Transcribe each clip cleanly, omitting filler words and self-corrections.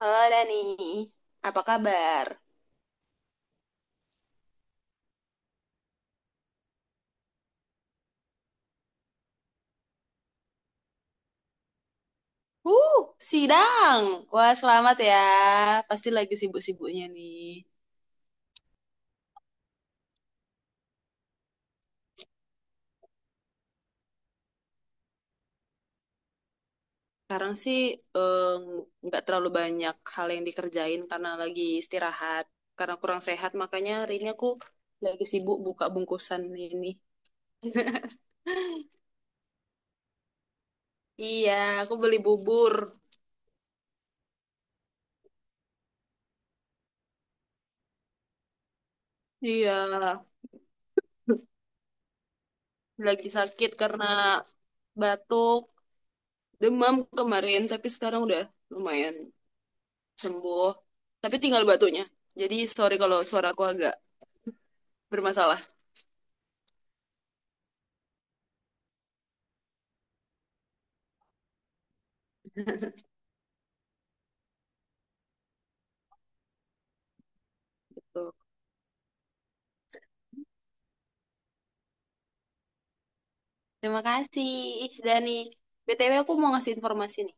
Halo Dani, apa kabar? Uh, Sidang. Wah, selamat ya. Pasti lagi sibuk-sibuknya nih. Sekarang sih eh, nggak terlalu banyak hal yang dikerjain karena lagi istirahat. Karena kurang sehat, makanya hari ini aku lagi sibuk buka bungkusan ini. Iya, aku beli bubur. Iya, lagi sakit karena batuk, demam kemarin, tapi sekarang udah lumayan. Sembuh tapi tinggal batunya, jadi sorry kalau suaraku agak bermasalah gitu. Terima kasih Dani. BTW aku mau ngasih informasi nih.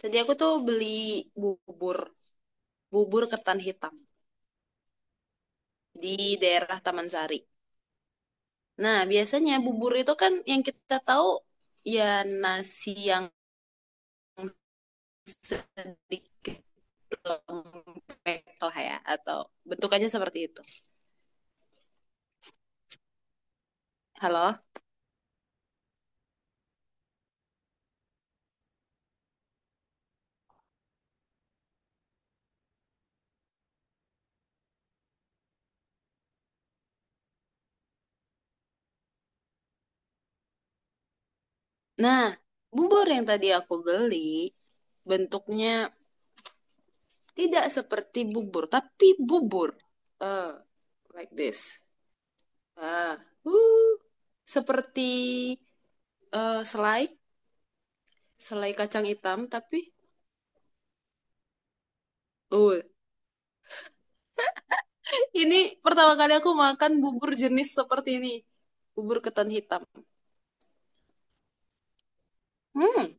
Jadi aku tuh beli bubur, bubur ketan hitam di daerah Taman Sari. Nah biasanya bubur itu kan yang kita tahu, ya nasi yang sedikit lembek lah ya, atau bentukannya seperti itu. Halo. Nah, bubur yang tadi aku beli bentuknya tidak seperti bubur, tapi bubur. Eh, like this. Ah, uh, Seperti selai, selai kacang hitam, tapi uh, ini pertama kali aku makan bubur jenis seperti ini. Bubur ketan hitam. Hmm,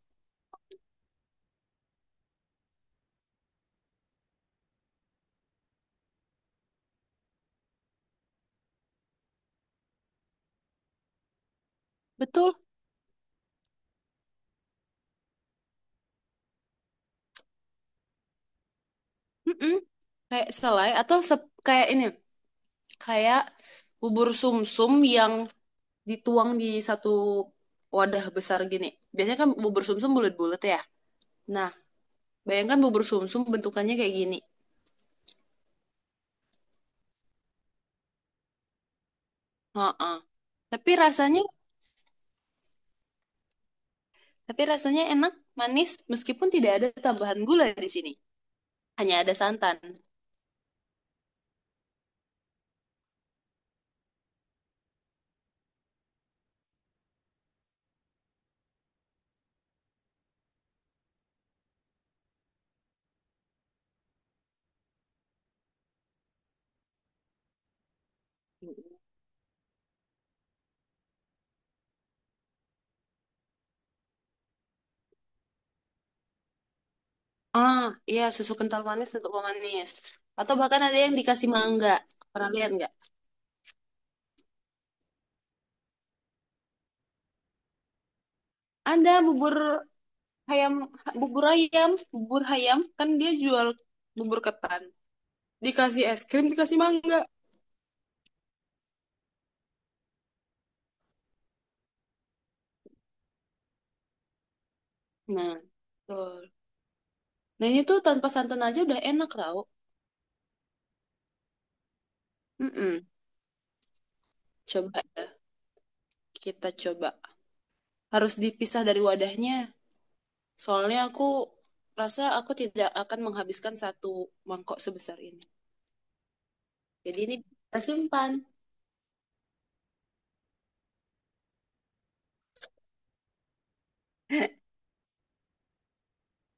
betul. Mm-mm. Kayak selai atau kayak ini, kayak bubur sumsum yang dituang di satu wadah besar gini. Biasanya kan bubur sumsum bulat-bulat ya. Nah, bayangkan bubur sumsum bentukannya kayak gini. Heeh. Tapi rasanya, tapi rasanya enak, manis, meskipun tidak ada tambahan gula di sini. Hanya ada santan. Ah, iya susu kental manis untuk pemanis. Atau bahkan ada yang dikasih mangga. Pernah lihat nggak? Ada bubur ayam, bubur ayam kan dia jual bubur ketan. Dikasih es krim, dikasih mangga. Nah, betul. Nah ini tuh tanpa santan aja udah enak tau. Mm-mm. Coba ya, kita coba. Harus dipisah dari wadahnya. Soalnya aku rasa aku tidak akan menghabiskan satu mangkok sebesar ini. Jadi ini kita simpan.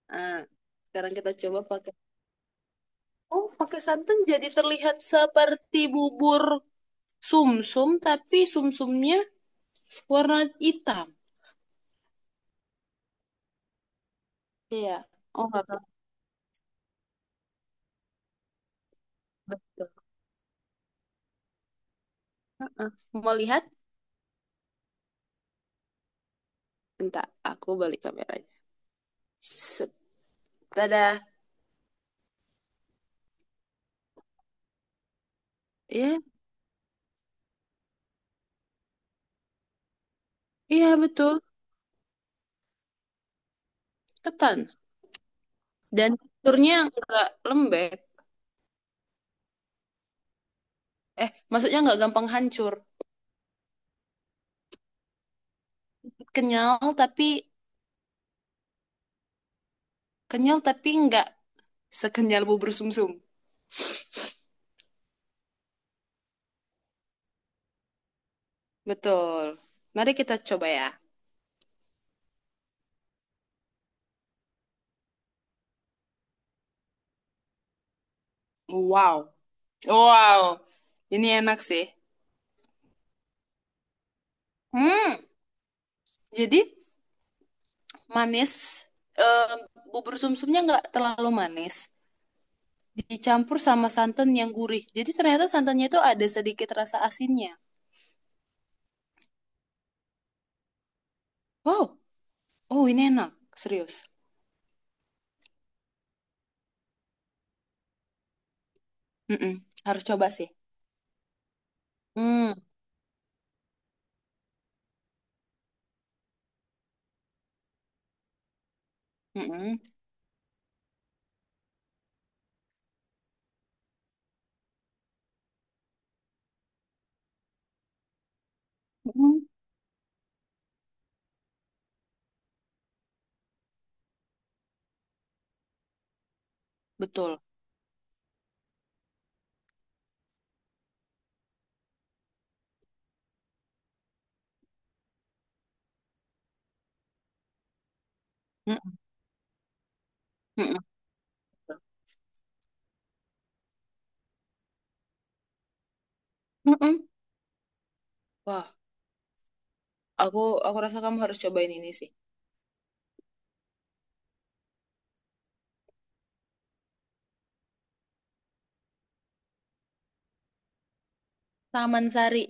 Nah, sekarang kita coba pakai. Oh, pakai santan jadi terlihat seperti bubur sumsum, tapi sumsumnya warna hitam. Iya. Oh, nggak apa-apa. Betul. Uh-uh. Mau lihat? Bentar, aku balik kameranya. Set. Tada. Iya, iya betul. Ketan. Dan teksturnya enggak lembek. Eh, maksudnya nggak gampang hancur. Kenyal tapi kenyal tapi nggak sekenyal bubur sumsum. Betul. Mari kita coba ya. Wow. Wow. Ini enak sih. Hmm. Jadi manis. Eh, Bubur sumsumnya nggak terlalu manis. Dicampur sama santan yang gurih. Jadi ternyata santannya itu ada sedikit rasa asinnya. Wow. Oh, ini enak. Serius. Mm-mm. Harus coba sih. Hmm. Mm-mm. Mm-mm. Betul. Mm-mm. Mm-mm. Mm-mm. Wah, aku aku rasa kamu harus cobain ini sih. Taman Sari.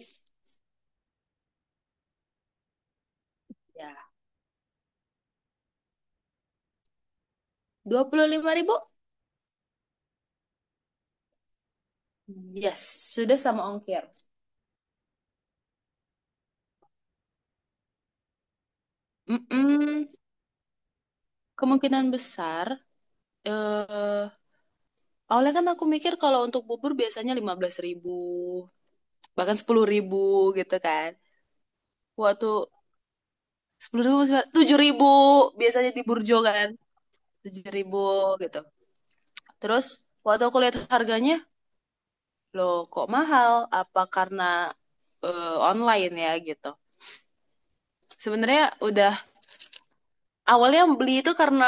Ya. 25 ribu? Yes, sudah sama ongkir. Mm. Kemungkinan besar, eh awalnya kan aku mikir kalau untuk bubur biasanya 15 ribu, bahkan 10 ribu gitu kan. Waktu 10 ribu, 7 ribu biasanya di Burjo kan, 7 ribu gitu. Terus waktu aku lihat harganya, loh kok mahal? Apa karena eh, online ya gitu. Sebenarnya udah awalnya beli itu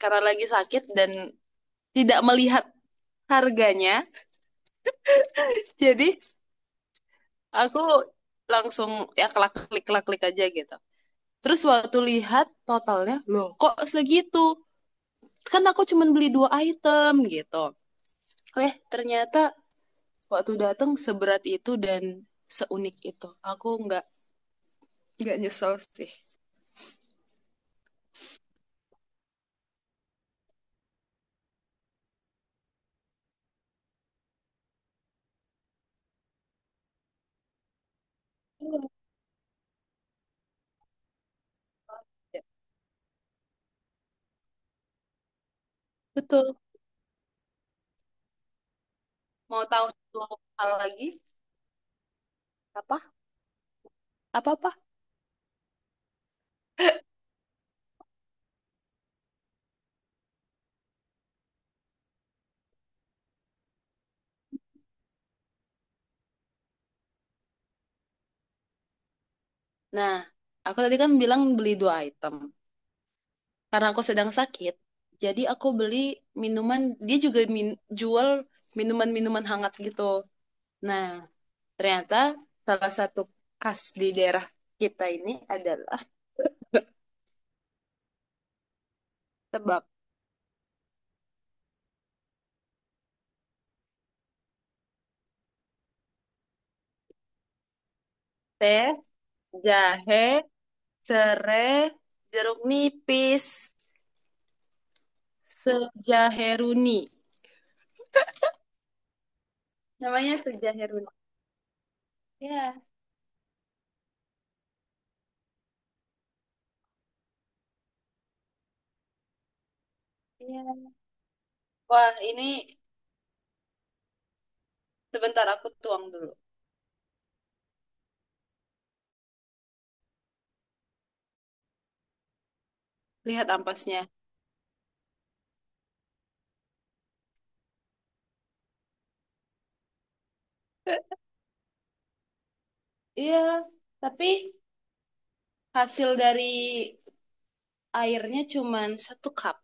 karena lagi sakit dan tidak melihat harganya. Jadi aku langsung ya kelak klik klik aja gitu. Terus waktu lihat totalnya, loh kok segitu? Kan aku cuma beli dua item gitu. Eh ternyata waktu datang seberat itu dan seunik itu. Aku nggak nyesel sih. Betul. Mau tahu satu hal lagi? Apa? Apa-apa? Nah, aku tadi kan bilang beli dua item. Karena aku sedang sakit, jadi aku beli minuman, dia juga jual minuman-minuman hangat gitu. Nah, ternyata salah satu khas di daerah kita ini adalah tebak teh, jahe, serai, jeruk nipis, sejaheruni. Namanya sejaheruni. Ya, iya. Wah, ini sebentar aku tuang dulu. Lihat ampasnya. Iya, tapi hasil dari airnya cuman satu cup.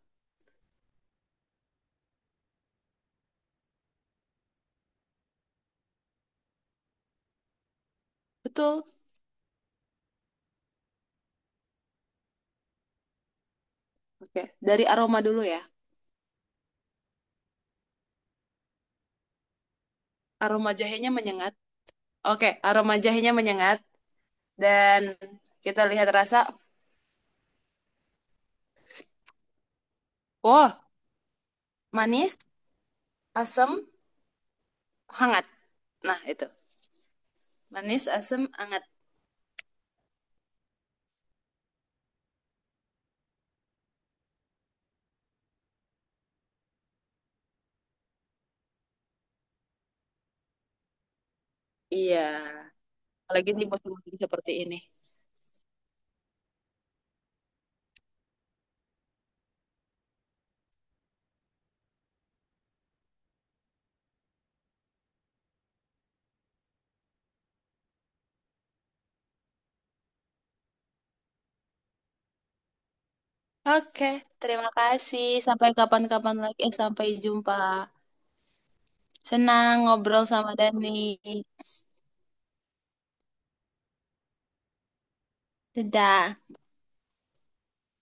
Betul. Oke, dari aroma dulu ya. Aroma jahenya menyengat. Oke, aroma jahenya menyengat dan kita lihat rasa. Wow, manis, asam, hangat. Nah, itu. Manis, asam, hangat. Iya, apalagi di musim hujan seperti ini. Oke, terima kasih. Sampai kapan-kapan lagi. Eh, sampai jumpa. Senang ngobrol sama Dani. Dadah.